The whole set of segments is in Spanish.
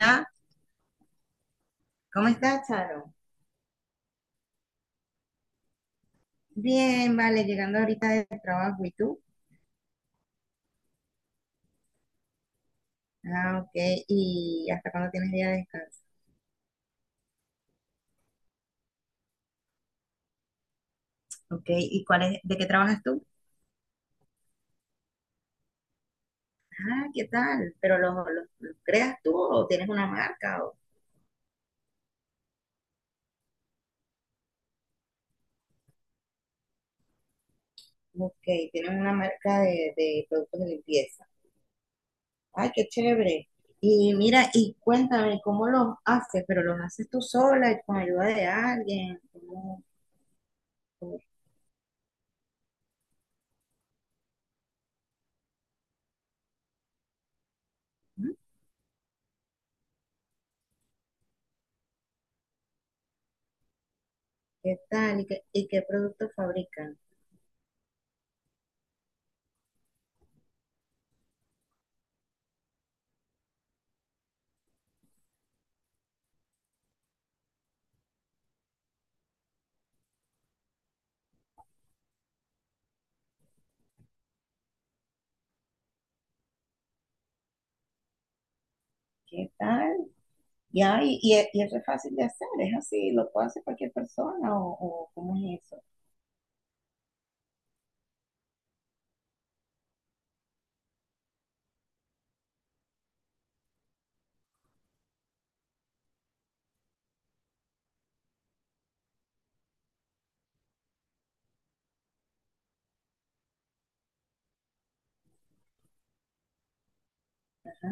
Ah, ¿cómo estás, Charo? Bien, vale, llegando ahorita del trabajo, ¿y tú? Ah, ok, ¿y hasta cuándo tienes día de descanso? Ok, ¿y cuál es, de qué trabajas tú? Ah, ¿qué tal? ¿Pero los creas tú o tienes una marca? O, ok, tienes una marca de productos de limpieza. Ay, qué chévere. Y mira, y cuéntame, ¿cómo los haces? ¿Pero los haces tú sola y con ayuda de alguien? ¿Cómo, cómo- ¿Mm? ¿Qué tal? ¿Y qué, productos fabrican? ¿Qué tal? Ya, es y es re fácil de hacer, es así, lo puede hacer cualquier persona o cómo es eso. Ajá.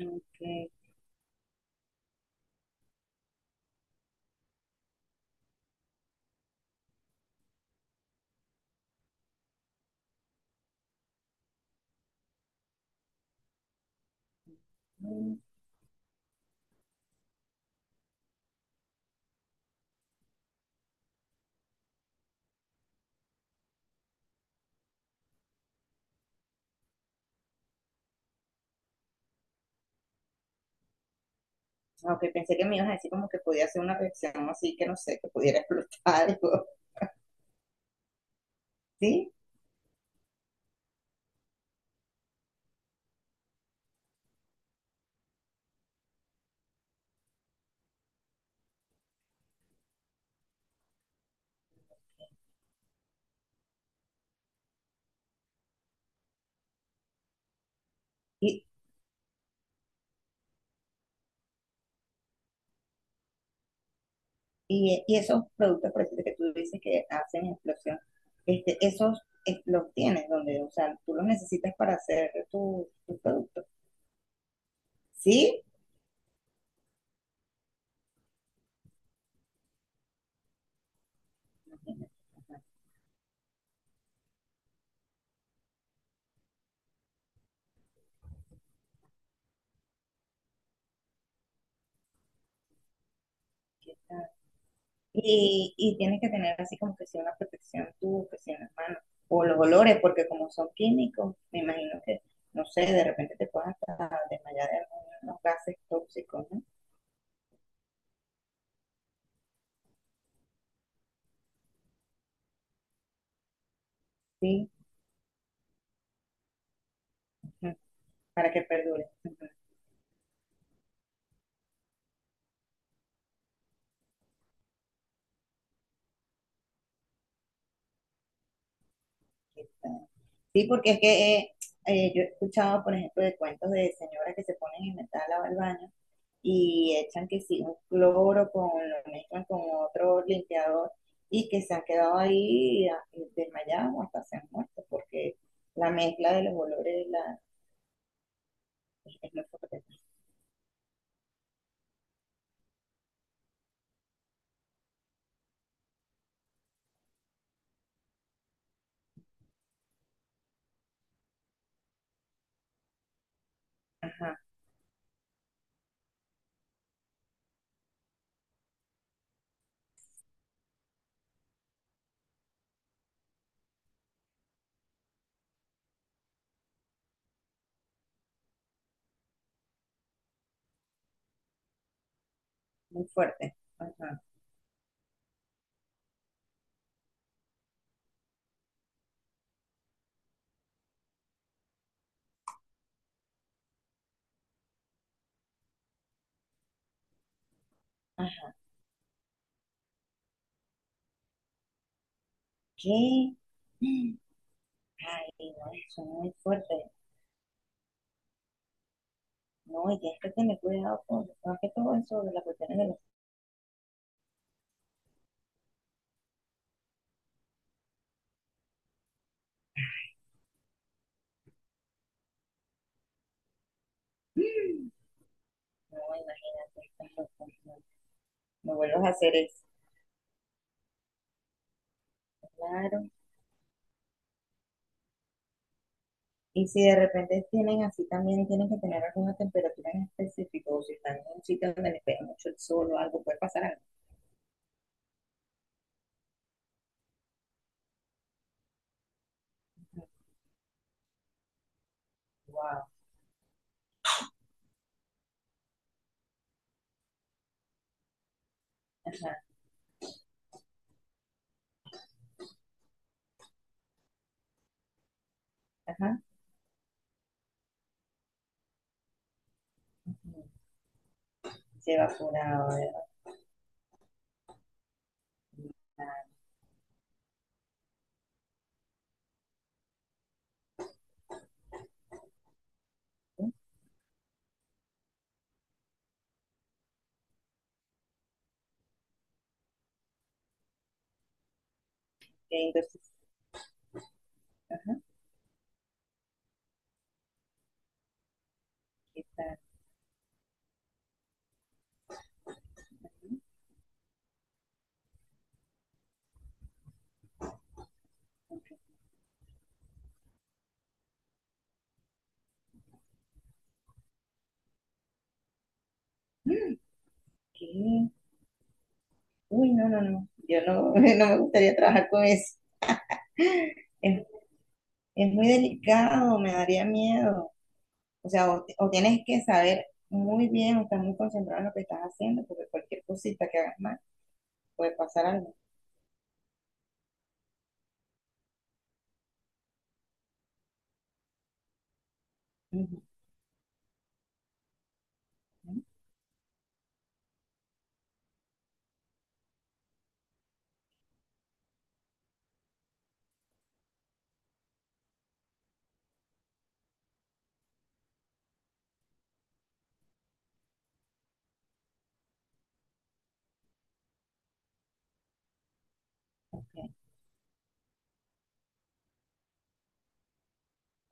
Ok. Mm, ok, pensé que me ibas a decir como que podía hacer una reacción así, que no sé, que pudiera explotar algo, ¿sí? Y, y esos productos, por ejemplo, que tú dices que hacen explosión, este, esos los tienes donde, o sea, tú los necesitas para hacer tu producto, ¿sí? Imagínate, ajá. Y tienes que tener así como que si una protección tú, que si en las manos, o los olores, porque como son químicos, me imagino que, no sé, de repente te puedes hasta desmayar de algunos gases tóxicos, ¿no? Sí, ujú, para que perdure. Ujú, aquí está. Sí, porque es que yo he escuchado, por ejemplo, de cuentos de señoras que se ponen a inventar a lavar el baño y echan que sí, un cloro con, lo mezclan con otro limpiador y que se han quedado ahí desmayados o hasta se han muerto porque la mezcla de los olores la, es muy fuerte. Ajá, muy fuerte. Ajá. Ajá. ¿Qué? Ay, no, eso es muy fuerte. No, y tienes que tener cuidado con, más que todo eso de las cuestiones de los. Mm. No, imagínate, estás loco, no, no vuelvas a hacer eso. Claro. Y si de repente tienen así también, tienen que tener alguna temperatura en específico, o si están en un sitio donde les pega mucho el sol o algo, puede pasar algo. Wow, ajá, ajá. Se evaporaba. Entonces, ajá, ¿qué tal? ¿Qué? Uy, no, no, no. Yo no, no me gustaría trabajar con eso. Es, es muy delicado, me daría miedo. O sea, o tienes que saber muy bien, o estar muy concentrado en lo que estás haciendo, porque cualquier cosita que hagas mal puede pasar algo. Ujú.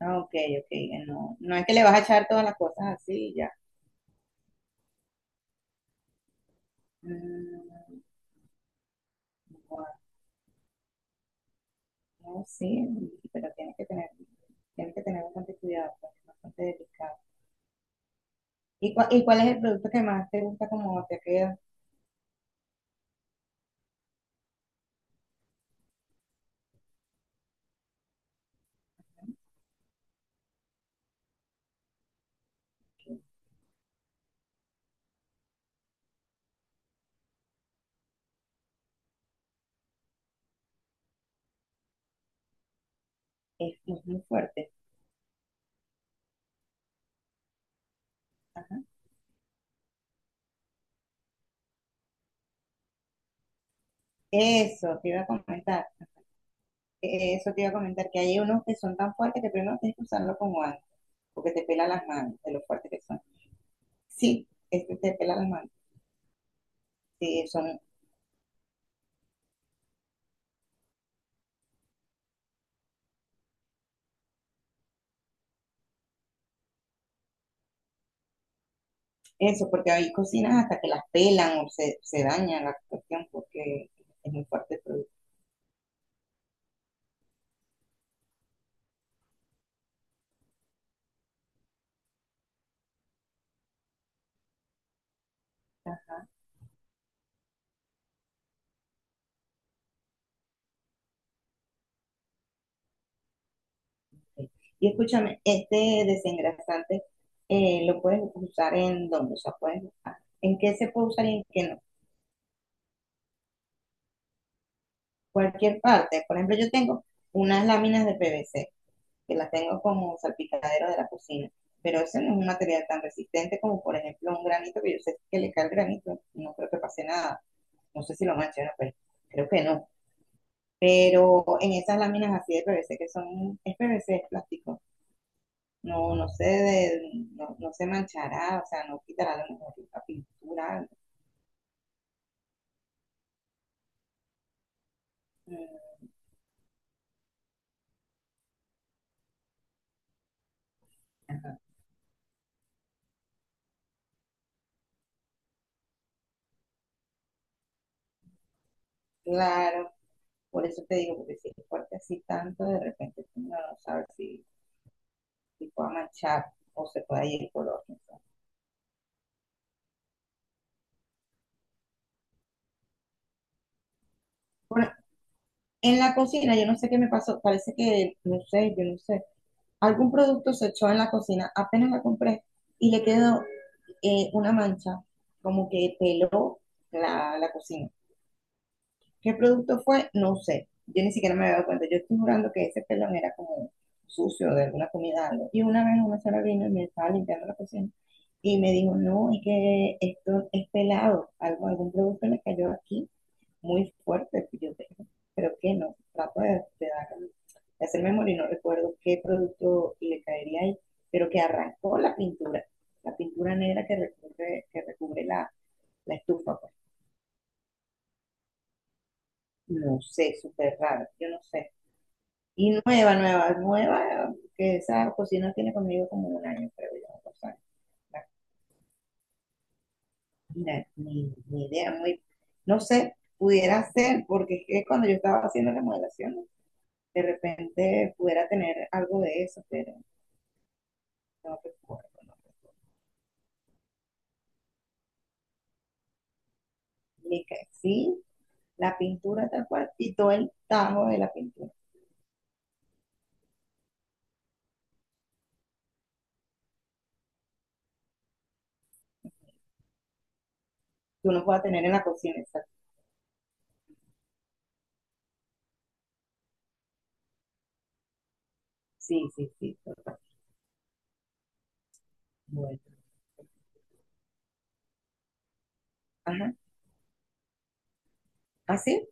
Ah, ok, ok, no, no es que le vas a echar todas las cosas así y ya. Mm, bueno, no, sí, pero tienes que tener bastante cuidado, porque es bastante delicado. ¿Y cuál es el producto que más te gusta como te queda? Es muy fuerte. Eso te iba a comentar, que hay unos que son tan fuertes que primero tienes que usarlo con guantes, porque te pela las manos, de lo fuertes que son. Sí, este te pela las manos. Sí, son. Eso, porque hay cocinas hasta que las pelan o se daña la cuestión porque es muy fuerte el producto. Y escúchame, este desengrasante, lo puedes usar en dónde, o sea, puedes, en qué se puede usar y en qué no. Cualquier parte. Por ejemplo, yo tengo unas láminas de PVC que las tengo como salpicadero de la cocina, pero ese no es un material tan resistente como, por ejemplo, un granito, que yo sé que le cae el granito, no creo que pase nada. No sé si lo manche, pero creo que no. Pero en esas láminas así de PVC que son, es PVC, es plástico, no, no se manchará, o sea, no quitará a lo mejor la pintura. Mm, ajá. Claro, por eso te digo, porque si es fuerte así tanto, de repente uno no sabe si pueda manchar o se puede ir el color. No sé. Bueno, en la cocina, yo no sé qué me pasó, parece que, no sé, yo no sé, algún producto se echó en la cocina, apenas la compré y le quedó, una mancha, como que peló la cocina. ¿Qué producto fue? No sé. Yo ni siquiera me había dado cuenta. Yo estoy jurando que ese pelón era como sucio de alguna comida, algo. Y una vez una señora vino y me estaba limpiando la cocina y me dijo, no, es que esto es pelado, algo, algún producto le cayó aquí muy fuerte que yo tengo. Creo que no. Trato de dar- de hacer memoria y no recuerdo qué producto le caería ahí, pero que arrancó la pintura. La pintura negra que recubre la estufa, pues. No sé, súper raro, yo no sé. Y nueva, nueva, nueva, que esa cocina tiene conmigo como un año, creo yo, dos años. Imagina. Ni idea, muy, no sé, pudiera ser, porque es que cuando yo estaba haciendo la modelación, de repente pudiera tener algo de eso, pero no recuerdo. ¿No? Ni que sí, la pintura tal cual y todo el tajo de la pintura que uno pueda tener en la cocina. Exacto. Sí, sí, sí. Tal cual. Bueno. Ajá. ¿Así?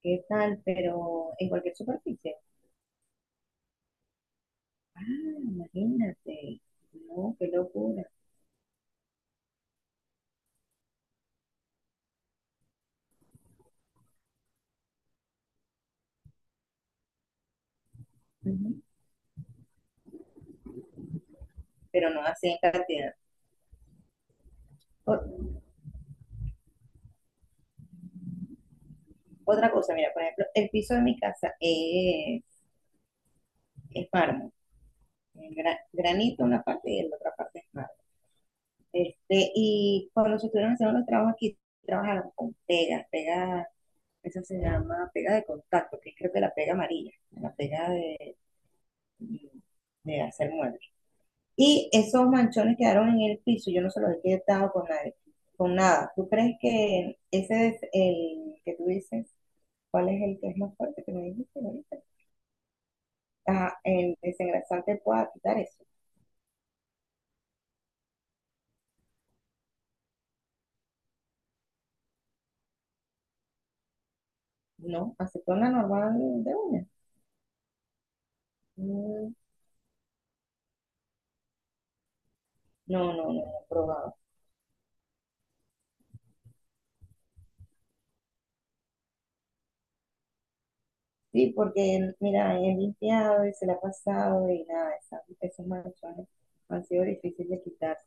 ¿Qué tal? Pero en cualquier superficie. Ah, imagínate. No, qué locura. Ujú. Pero no así en cantidad. O- Otra cosa, mira, por ejemplo, el piso de mi casa es mármol. Es granito una parte y en la otra parte es mármol. Este, y cuando se estuvieron haciendo los trabajos aquí, trabajaron con pega, esa se llama pega de contacto, que es creo que la pega amarilla, la pega de hacer muebles. Y esos manchones quedaron en el piso, yo no se los he quitado con nadie, con nada. ¿Tú crees que ese es el que tú dices, cuál es el que es más fuerte que me dijiste ahorita? Ah, el desengrasante pueda quitar eso, ¿no? Acetona normal de una. Mm, no, no, no, no he probado. Sí, porque mira, he limpiado y se la ha pasado y nada, esos manchones han sido difíciles de quitar.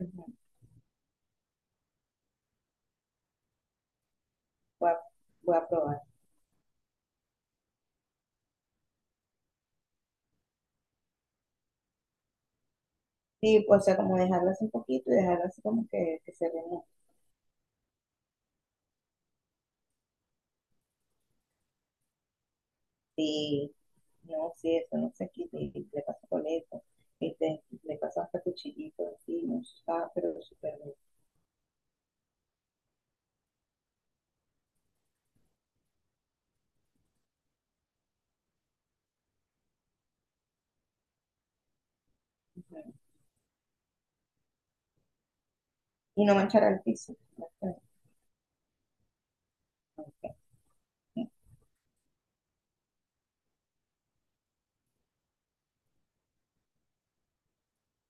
Ujú. Voy a, voy a probar. Sí, pues, o sea, como dejarlo así un poquito y dejarlo así como que se remueva. Sí, no, sí, eso no se quita y le paso coleta, este, le paso hasta cuchillito así no está, pero súper bien. Ujú. Y no manchar el piso.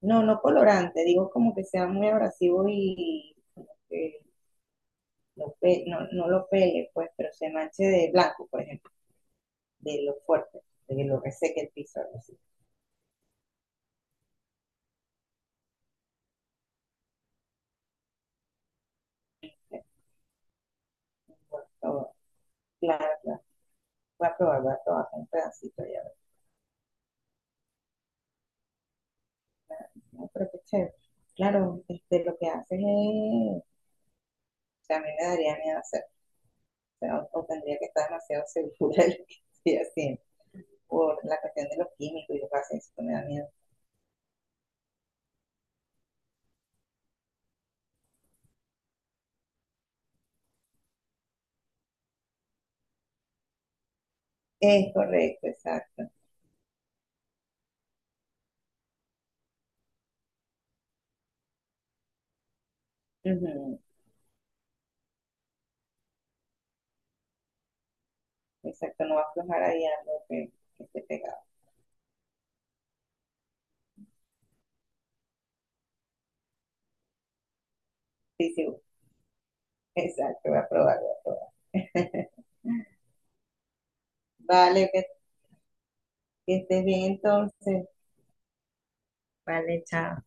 No, no colorante, digo como que sea muy abrasivo y como que no lo pele, pues, pero se manche de blanco, por ejemplo, de lo fuerte, de que lo reseque el piso, algo así. Bueno, claro, claro. Voy a probar un pedacito ya. No, pero qué chévere. Claro, este, lo que haces es, o sea, a mí me daría miedo hacer, o sea, o tendría que estar demasiado segura de lo que estoy haciendo, por la cuestión de los químicos y lo que hacen, eso me da miedo. Es correcto, exacto. Ujú, exacto, no va a aflojar ahí algo que esté pegado. Sí, sí, exacto, voy a probar, voy a probar. Vale, que estés bien entonces. Vale, chao.